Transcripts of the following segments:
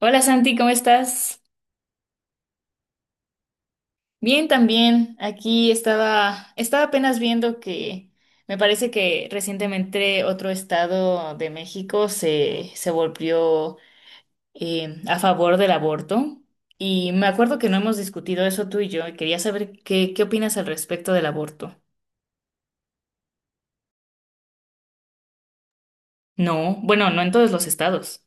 Hola Santi, ¿cómo estás? Bien también. Aquí estaba apenas viendo que me parece que recientemente otro estado de México se volvió a favor del aborto. Y me acuerdo que no hemos discutido eso tú y yo, y quería saber qué opinas al respecto del aborto. No, bueno, no en todos los estados.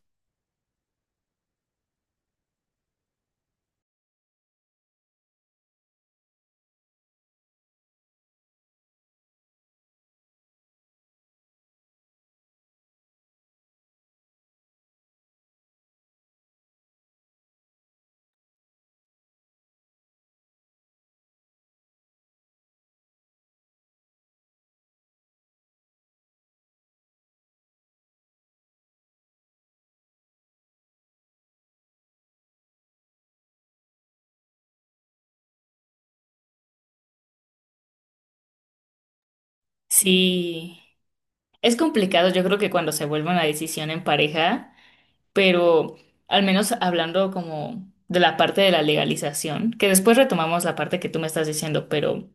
Sí, es complicado. Yo creo que cuando se vuelve una decisión en pareja. Pero al menos hablando como de la parte de la legalización, que después retomamos la parte que tú me estás diciendo, pero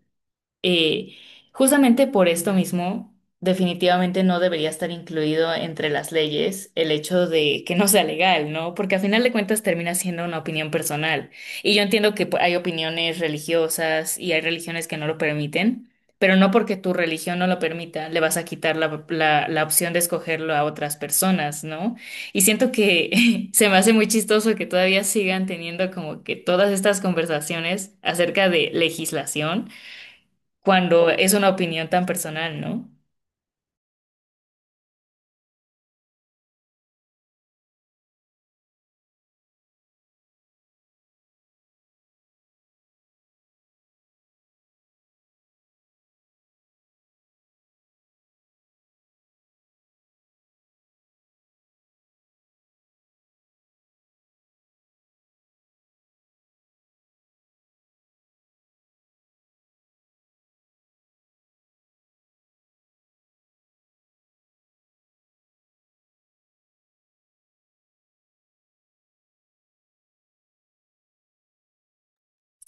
eh, justamente por esto mismo, definitivamente no debería estar incluido entre las leyes el hecho de que no sea legal, ¿no? Porque a final de cuentas termina siendo una opinión personal. Y yo entiendo que hay opiniones religiosas y hay religiones que no lo permiten, pero no porque tu religión no lo permita, le vas a quitar la opción de escogerlo a otras personas, ¿no? Y siento que se me hace muy chistoso que todavía sigan teniendo como que todas estas conversaciones acerca de legislación cuando es una opinión tan personal, ¿no?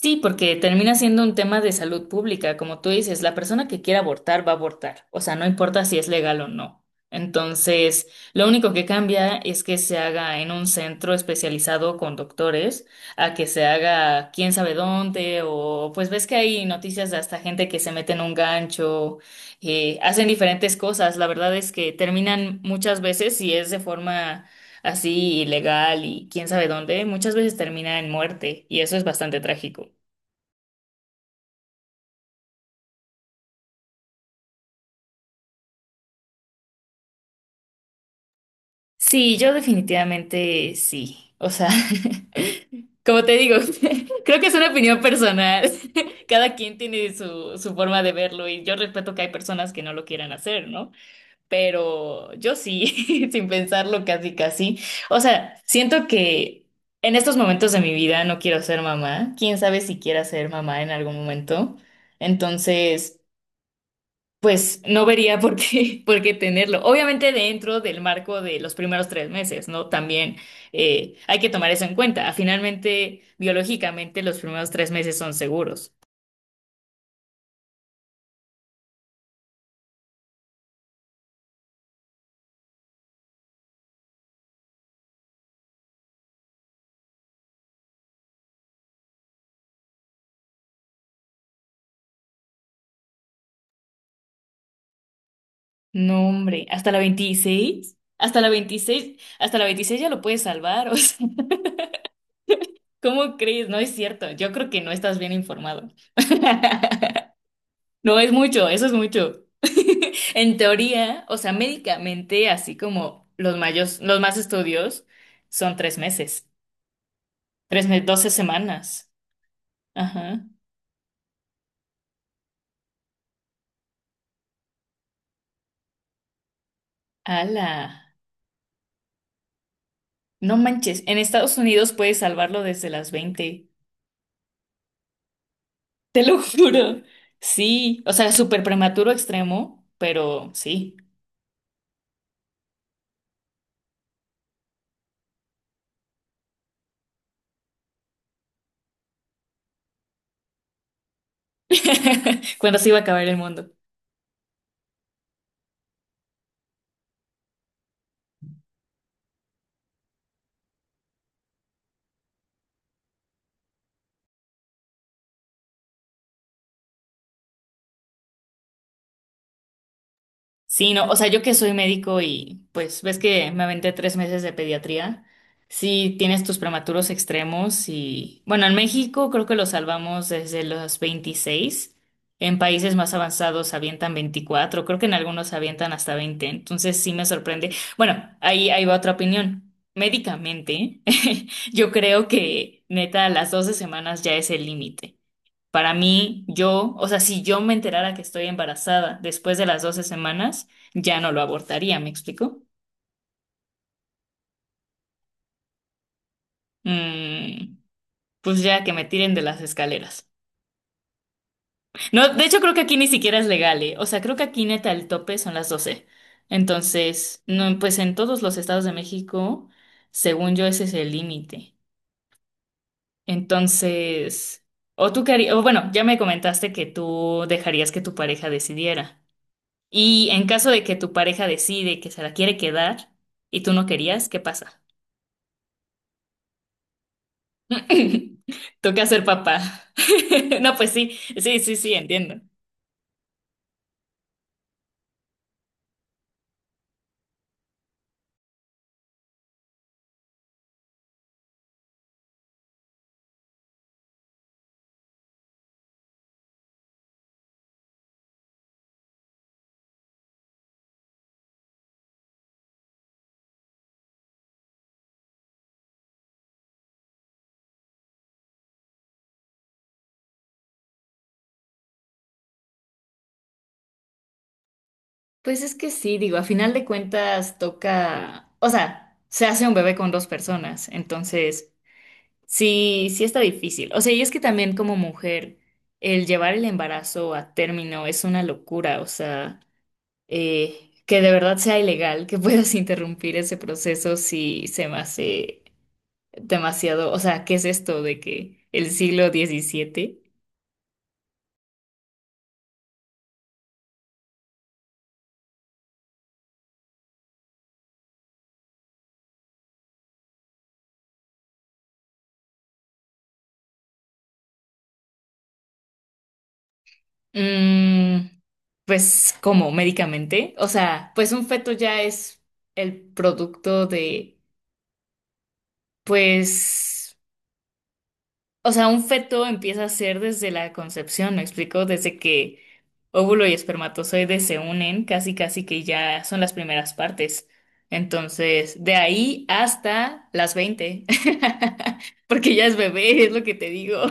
Sí, porque termina siendo un tema de salud pública. Como tú dices, la persona que quiera abortar va a abortar. O sea, no importa si es legal o no. Entonces, lo único que cambia es que se haga en un centro especializado con doctores, a que se haga quién sabe dónde, o pues ves que hay noticias de hasta gente que se mete en un gancho, hacen diferentes cosas. La verdad es que terminan muchas veces, si es de forma así ilegal y quién sabe dónde, muchas veces termina en muerte, y eso es bastante trágico. Sí, yo definitivamente sí. O sea, como te digo, creo que es una opinión personal. Cada quien tiene su forma de verlo y yo respeto que hay personas que no lo quieran hacer, ¿no? Pero yo sí, sin pensarlo casi casi. O sea, siento que en estos momentos de mi vida no quiero ser mamá. Quién sabe si quiera ser mamá en algún momento. Entonces… Pues no vería por qué, por qué tenerlo. Obviamente dentro del marco de los primeros 3 meses, ¿no? También hay que tomar eso en cuenta. Ah, finalmente, biológicamente, los primeros 3 meses son seguros. No, hombre, hasta la 26 hasta la 26 hasta la 26 ya lo puedes salvar. O sea, ¿cómo crees? No es cierto. Yo creo que no estás bien informado. No es mucho, eso es mucho. En teoría, o sea, médicamente, así como los mayos, los más estudios, son 3 meses, 3 meses, 12 semanas. Ajá. ¡Hala! No manches, en Estados Unidos puedes salvarlo desde las 20. Te lo juro. Sí, o sea, súper prematuro extremo, pero sí. Cuando se iba a acabar el mundo. Sí, no, o sea, yo que soy médico y pues ves que me aventé 3 meses de pediatría. Sí, tienes tus prematuros extremos y bueno, en México creo que los salvamos desde los 26. En países más avanzados avientan 24. Creo que en algunos avientan hasta 20. Entonces sí me sorprende. Bueno, ahí va otra opinión. Médicamente, yo creo que neta, a las 12 semanas ya es el límite. Para mí, yo, o sea, si yo me enterara que estoy embarazada después de las 12 semanas, ya no lo abortaría, ¿me explico? Mm, pues ya que me tiren de las escaleras. No, de hecho creo que aquí ni siquiera es legal, ¿eh? O sea, creo que aquí neta el tope son las 12. Entonces, no, pues en todos los estados de México, según yo, ese es el límite. Entonces, o tú querías, o bueno, ya me comentaste que tú dejarías que tu pareja decidiera. Y en caso de que tu pareja decide que se la quiere quedar y tú no querías, ¿qué pasa? Toca ser papá. No, pues sí, sí, sí, sí, entiendo. Pues es que sí, digo, a final de cuentas toca, o sea, se hace un bebé con dos personas, entonces sí, sí está difícil. O sea, y es que también como mujer, el llevar el embarazo a término es una locura, o sea, que de verdad sea ilegal, que puedas interrumpir ese proceso si se me hace… demasiado, o sea, ¿qué es esto de que el siglo XVII? Mm, pues, ¿cómo? ¿Médicamente? O sea, pues un feto ya es el producto de, pues, o sea, un feto empieza a ser desde la concepción, ¿me explico? Desde que óvulo y espermatozoide se unen, casi casi que ya son las primeras partes. Entonces, de ahí hasta las 20, porque ya es bebé, es lo que te digo.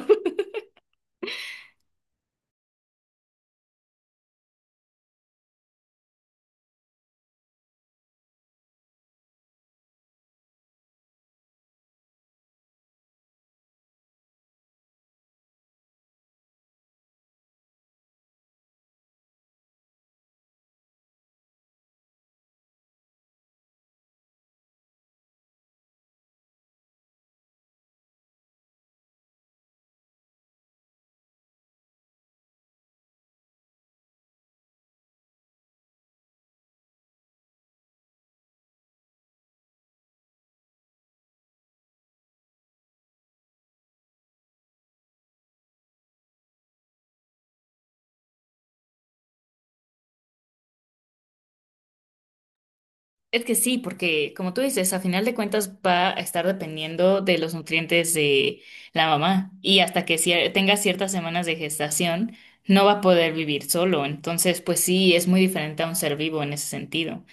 Es que sí, porque como tú dices, a final de cuentas va a estar dependiendo de los nutrientes de la mamá y hasta que tenga ciertas semanas de gestación no va a poder vivir solo. Entonces, pues sí, es muy diferente a un ser vivo en ese sentido.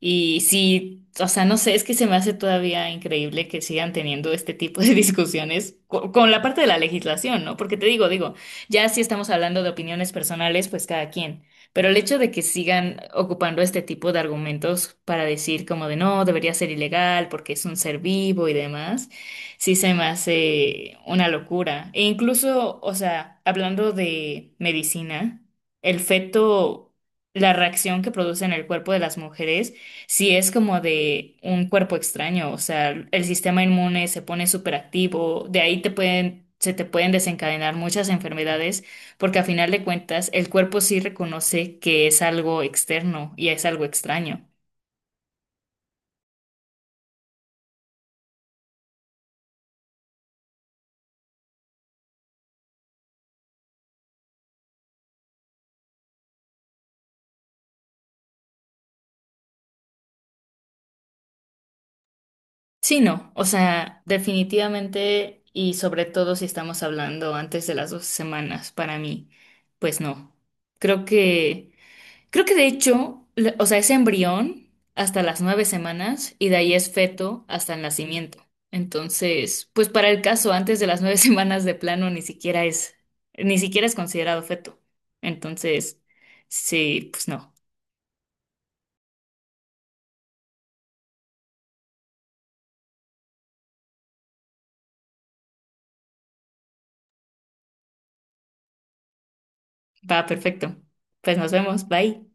Y sí, o sea, no sé, es que se me hace todavía increíble que sigan teniendo este tipo de discusiones con la parte de la legislación, ¿no? Porque te digo, digo, ya si estamos hablando de opiniones personales, pues cada quien. Pero el hecho de que sigan ocupando este tipo de argumentos para decir como de no, debería ser ilegal porque es un ser vivo y demás, sí se me hace una locura. E incluso, o sea, hablando de medicina, el feto, la reacción que produce en el cuerpo de las mujeres, sí es como de un cuerpo extraño, o sea, el sistema inmune se pone superactivo, de ahí te pueden, se te pueden desencadenar muchas enfermedades porque a final de cuentas, el cuerpo sí reconoce que es algo externo y es algo extraño. Sí, no, o sea, definitivamente y sobre todo si estamos hablando antes de las 2 semanas, para mí, pues no. Creo que Creo que de hecho, o sea, es embrión hasta las 9 semanas y de ahí es feto hasta el nacimiento. Entonces, pues para el caso, antes de las 9 semanas de plano ni siquiera es, ni siquiera es considerado feto. Entonces, sí, pues no, va perfecto. Pues nos vemos, bye.